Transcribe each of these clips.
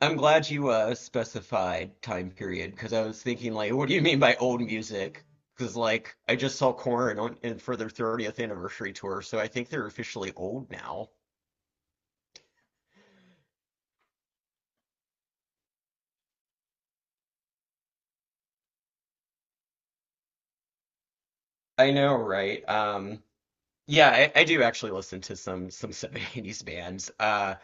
I'm glad you specified time period because I was thinking like, what do you mean by old music? Because like I just saw Korn on and for their 30th anniversary tour, so I think they're officially old now. I know, right? Yeah, I do actually listen to some 70s bands.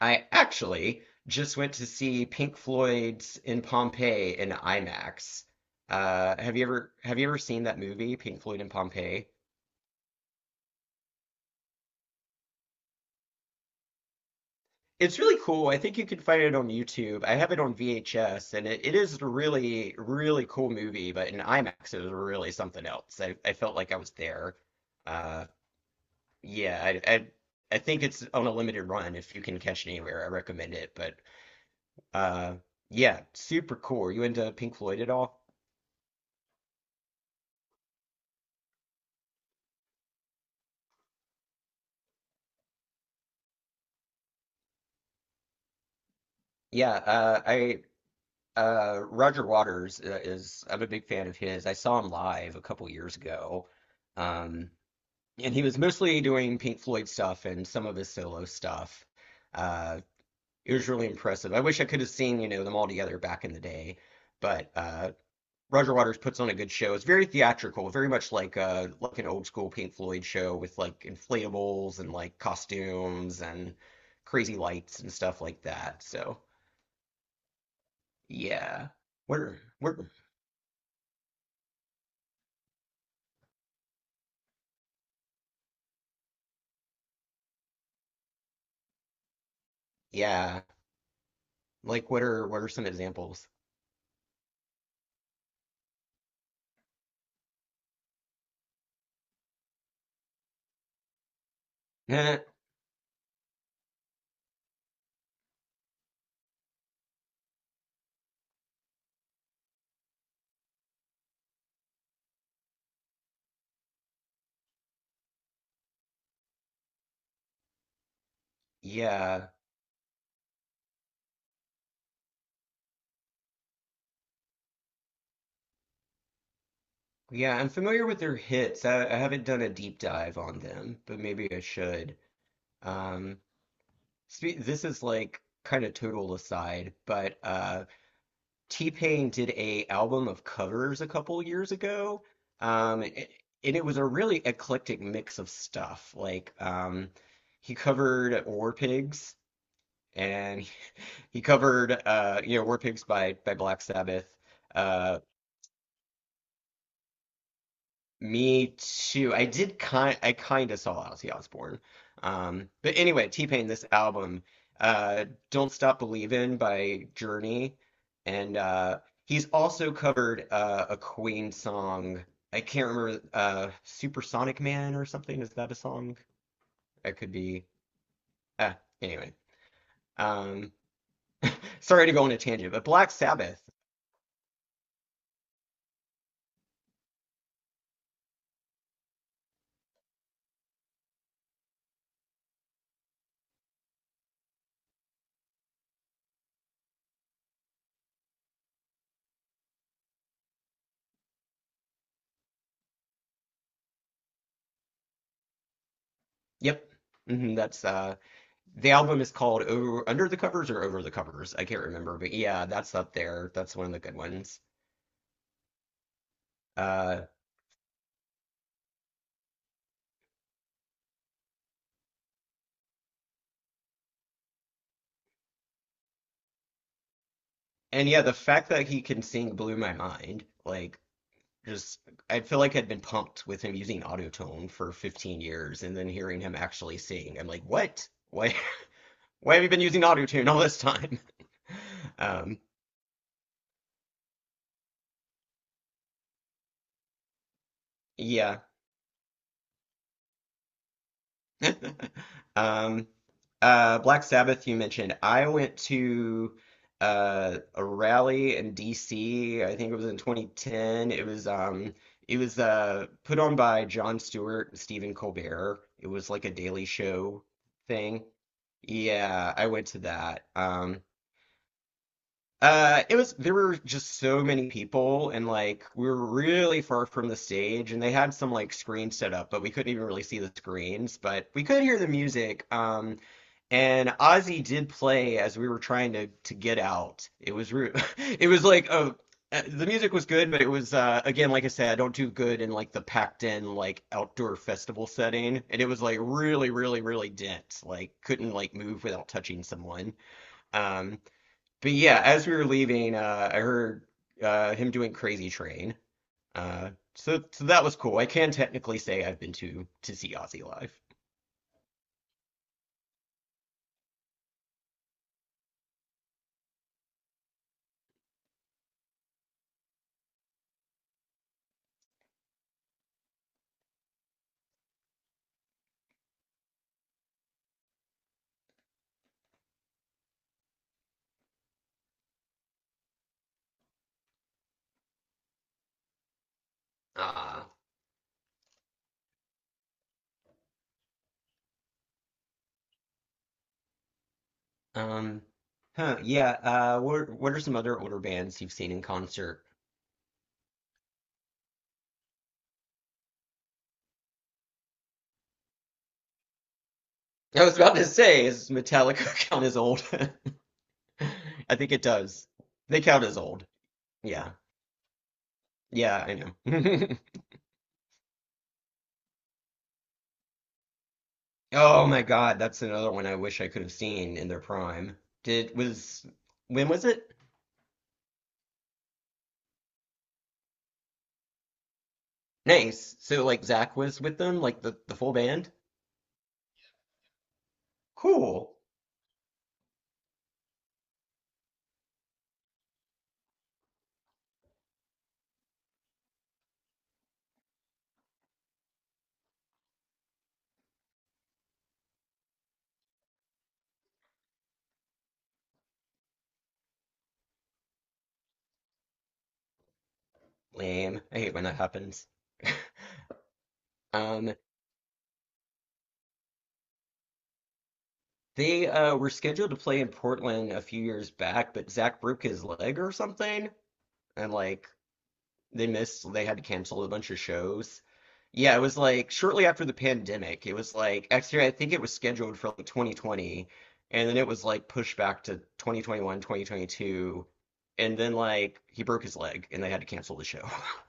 I actually just went to see Pink Floyd's in Pompeii in IMAX. Have you ever seen that movie, Pink Floyd in Pompeii? It's really cool. I think you can find it on YouTube. I have it on VHS, and it is a really, really cool movie, but in IMAX, it was really something else. I felt like I was there. Uh, yeah, I, I, I think it's on a limited run. If you can catch it anywhere, I recommend it. But uh, yeah, super cool. You into Pink Floyd at all? Yeah, I Roger Waters I'm a big fan of his. I saw him live a couple years ago. Um, and he was mostly doing Pink Floyd stuff and some of his solo stuff. Uh, it was really impressive. I wish I could have seen, you know, them all together back in the day, but Roger Waters puts on a good show. It's very theatrical, very much like an old school Pink Floyd show with like inflatables and like costumes and crazy lights and stuff like that. So yeah, what are what? are- yeah, like what are some examples? Yeah. Yeah, I'm familiar with their hits. I haven't done a deep dive on them, but maybe I should. Um, spe this is like kind of total aside, but T-Pain did a album of covers a couple years ago, um, it, and it was a really eclectic mix of stuff. Like he covered War Pigs, and he covered you know War Pigs by Black Sabbath. uh, Me too. I kind of saw Ozzy Osbourne. But anyway, T-Pain, this album, Don't Stop Believin' by Journey. And he's also covered a Queen song. I can't remember Supersonic Man or something. Is that a song? That could be. Uh, anyway. Um, sorry to go on a tangent, but Black Sabbath. Yep. hmm that's the album is called Over Under the Covers or Over the Covers. I can't remember, but yeah, that's up there. That's one of the good ones. Uh, and yeah, the fact that he can sing blew my mind. Like, just I feel like I'd been pumped with him using autotune for 15 years, and then hearing him actually sing, I'm like, what? Why? Why have you been using autotune all this time? Um, yeah. Um, Black Sabbath, you mentioned. I went to a rally in DC. I think it was in 2010. It was put on by Jon Stewart and Stephen Colbert. It was like a Daily Show thing. Yeah, I went to that. It was there were just so many people, and like we were really far from the stage, and they had some like screens set up, but we couldn't even really see the screens, but we could hear the music. And Ozzy did play as we were trying to get out. It was re it was like a the music was good, but it was again like I said, I don't do good in like the packed in like outdoor festival setting, and it was like really really really dense, like couldn't like move without touching someone. Um, but yeah, as we were leaving, I heard him doing Crazy Train. Uh, so that was cool. I can technically say I've been to see Ozzy live. Ah. Um, yeah. What are some other older bands you've seen in concert? I was about to say, is Metallica count as old? I think it does. They count as old. Yeah. Yeah, I know. Oh my God, that's another one I wish I could have seen in their prime. Did was when was it? Nice. So like Zach was with them, like the full band? Cool. Lame. I hate when that happens. Um they were scheduled to play in Portland a few years back, but Zach broke his leg or something and like they missed, they had to cancel a bunch of shows. Yeah, it was like shortly after the pandemic. It was like actually I think it was scheduled for like 2020 and then it was like pushed back to 2021, 2022, and then like he broke his leg and they had to cancel the show.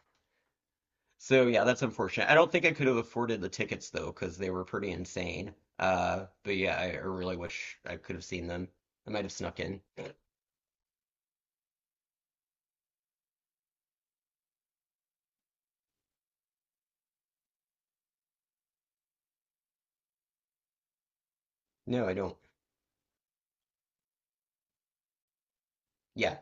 So yeah, that's unfortunate. I don't think I could have afforded the tickets though because they were pretty insane. But yeah, I really wish I could have seen them. I might have snuck in. No, I don't. Yeah.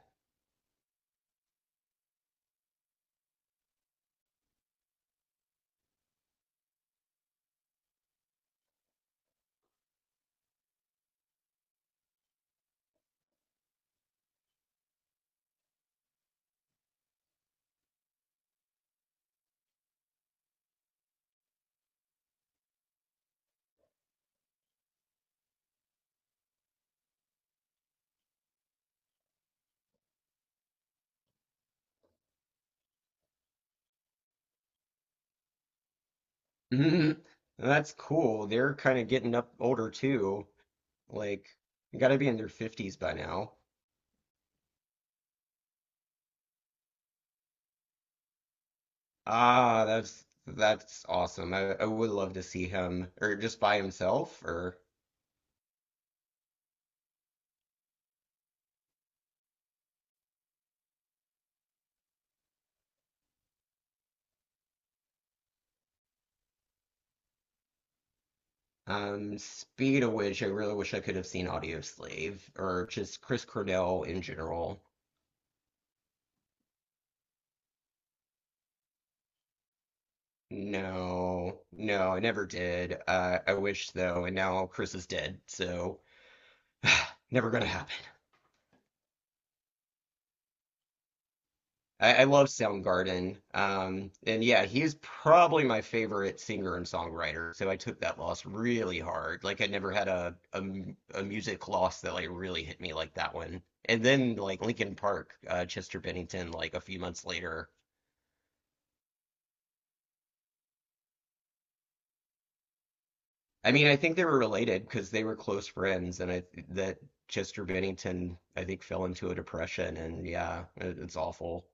That's cool. They're kind of getting up older too. Like, gotta be in their 50s by now. Ah, that's awesome. I would love to see him, or just by himself, or speed of which I really wish I could have seen Audio Slave, or just Chris Cornell in general. No, no, I never did. I wish though, and now Chris is dead, so never gonna happen. I love Soundgarden. And yeah, he is probably my favorite singer and songwriter. So I took that loss really hard. Like I never had a music loss that like really hit me like that one. And then like Linkin Park, Chester Bennington, like a few months later. I mean, I think they were related because they were close friends, and I that Chester Bennington, I think, fell into a depression, and yeah, it's awful.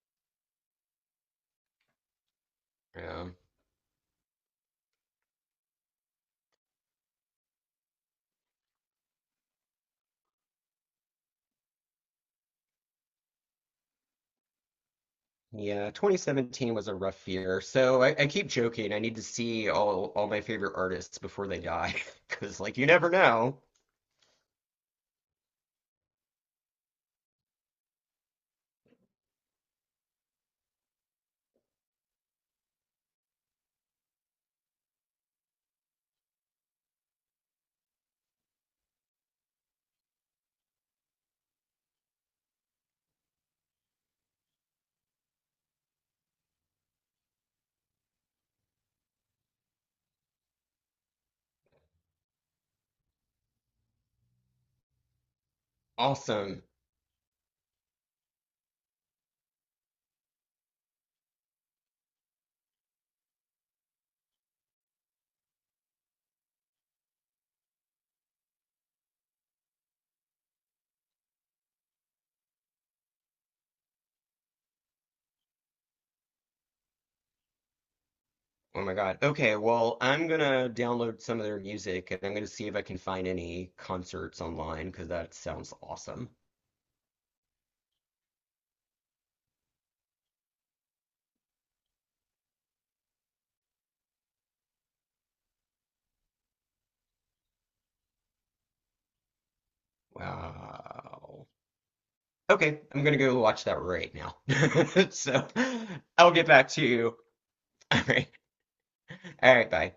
Yeah. Yeah, 2017 was a rough year. So I keep joking. I need to see all my favorite artists before they die, because like you never know. Awesome. Oh my God. Okay, well I'm gonna download some of their music and I'm gonna see if I can find any concerts online because that sounds awesome. Wow. Okay, I'm gonna go watch that right now. So I'll get back to you. All right. All right. Bye.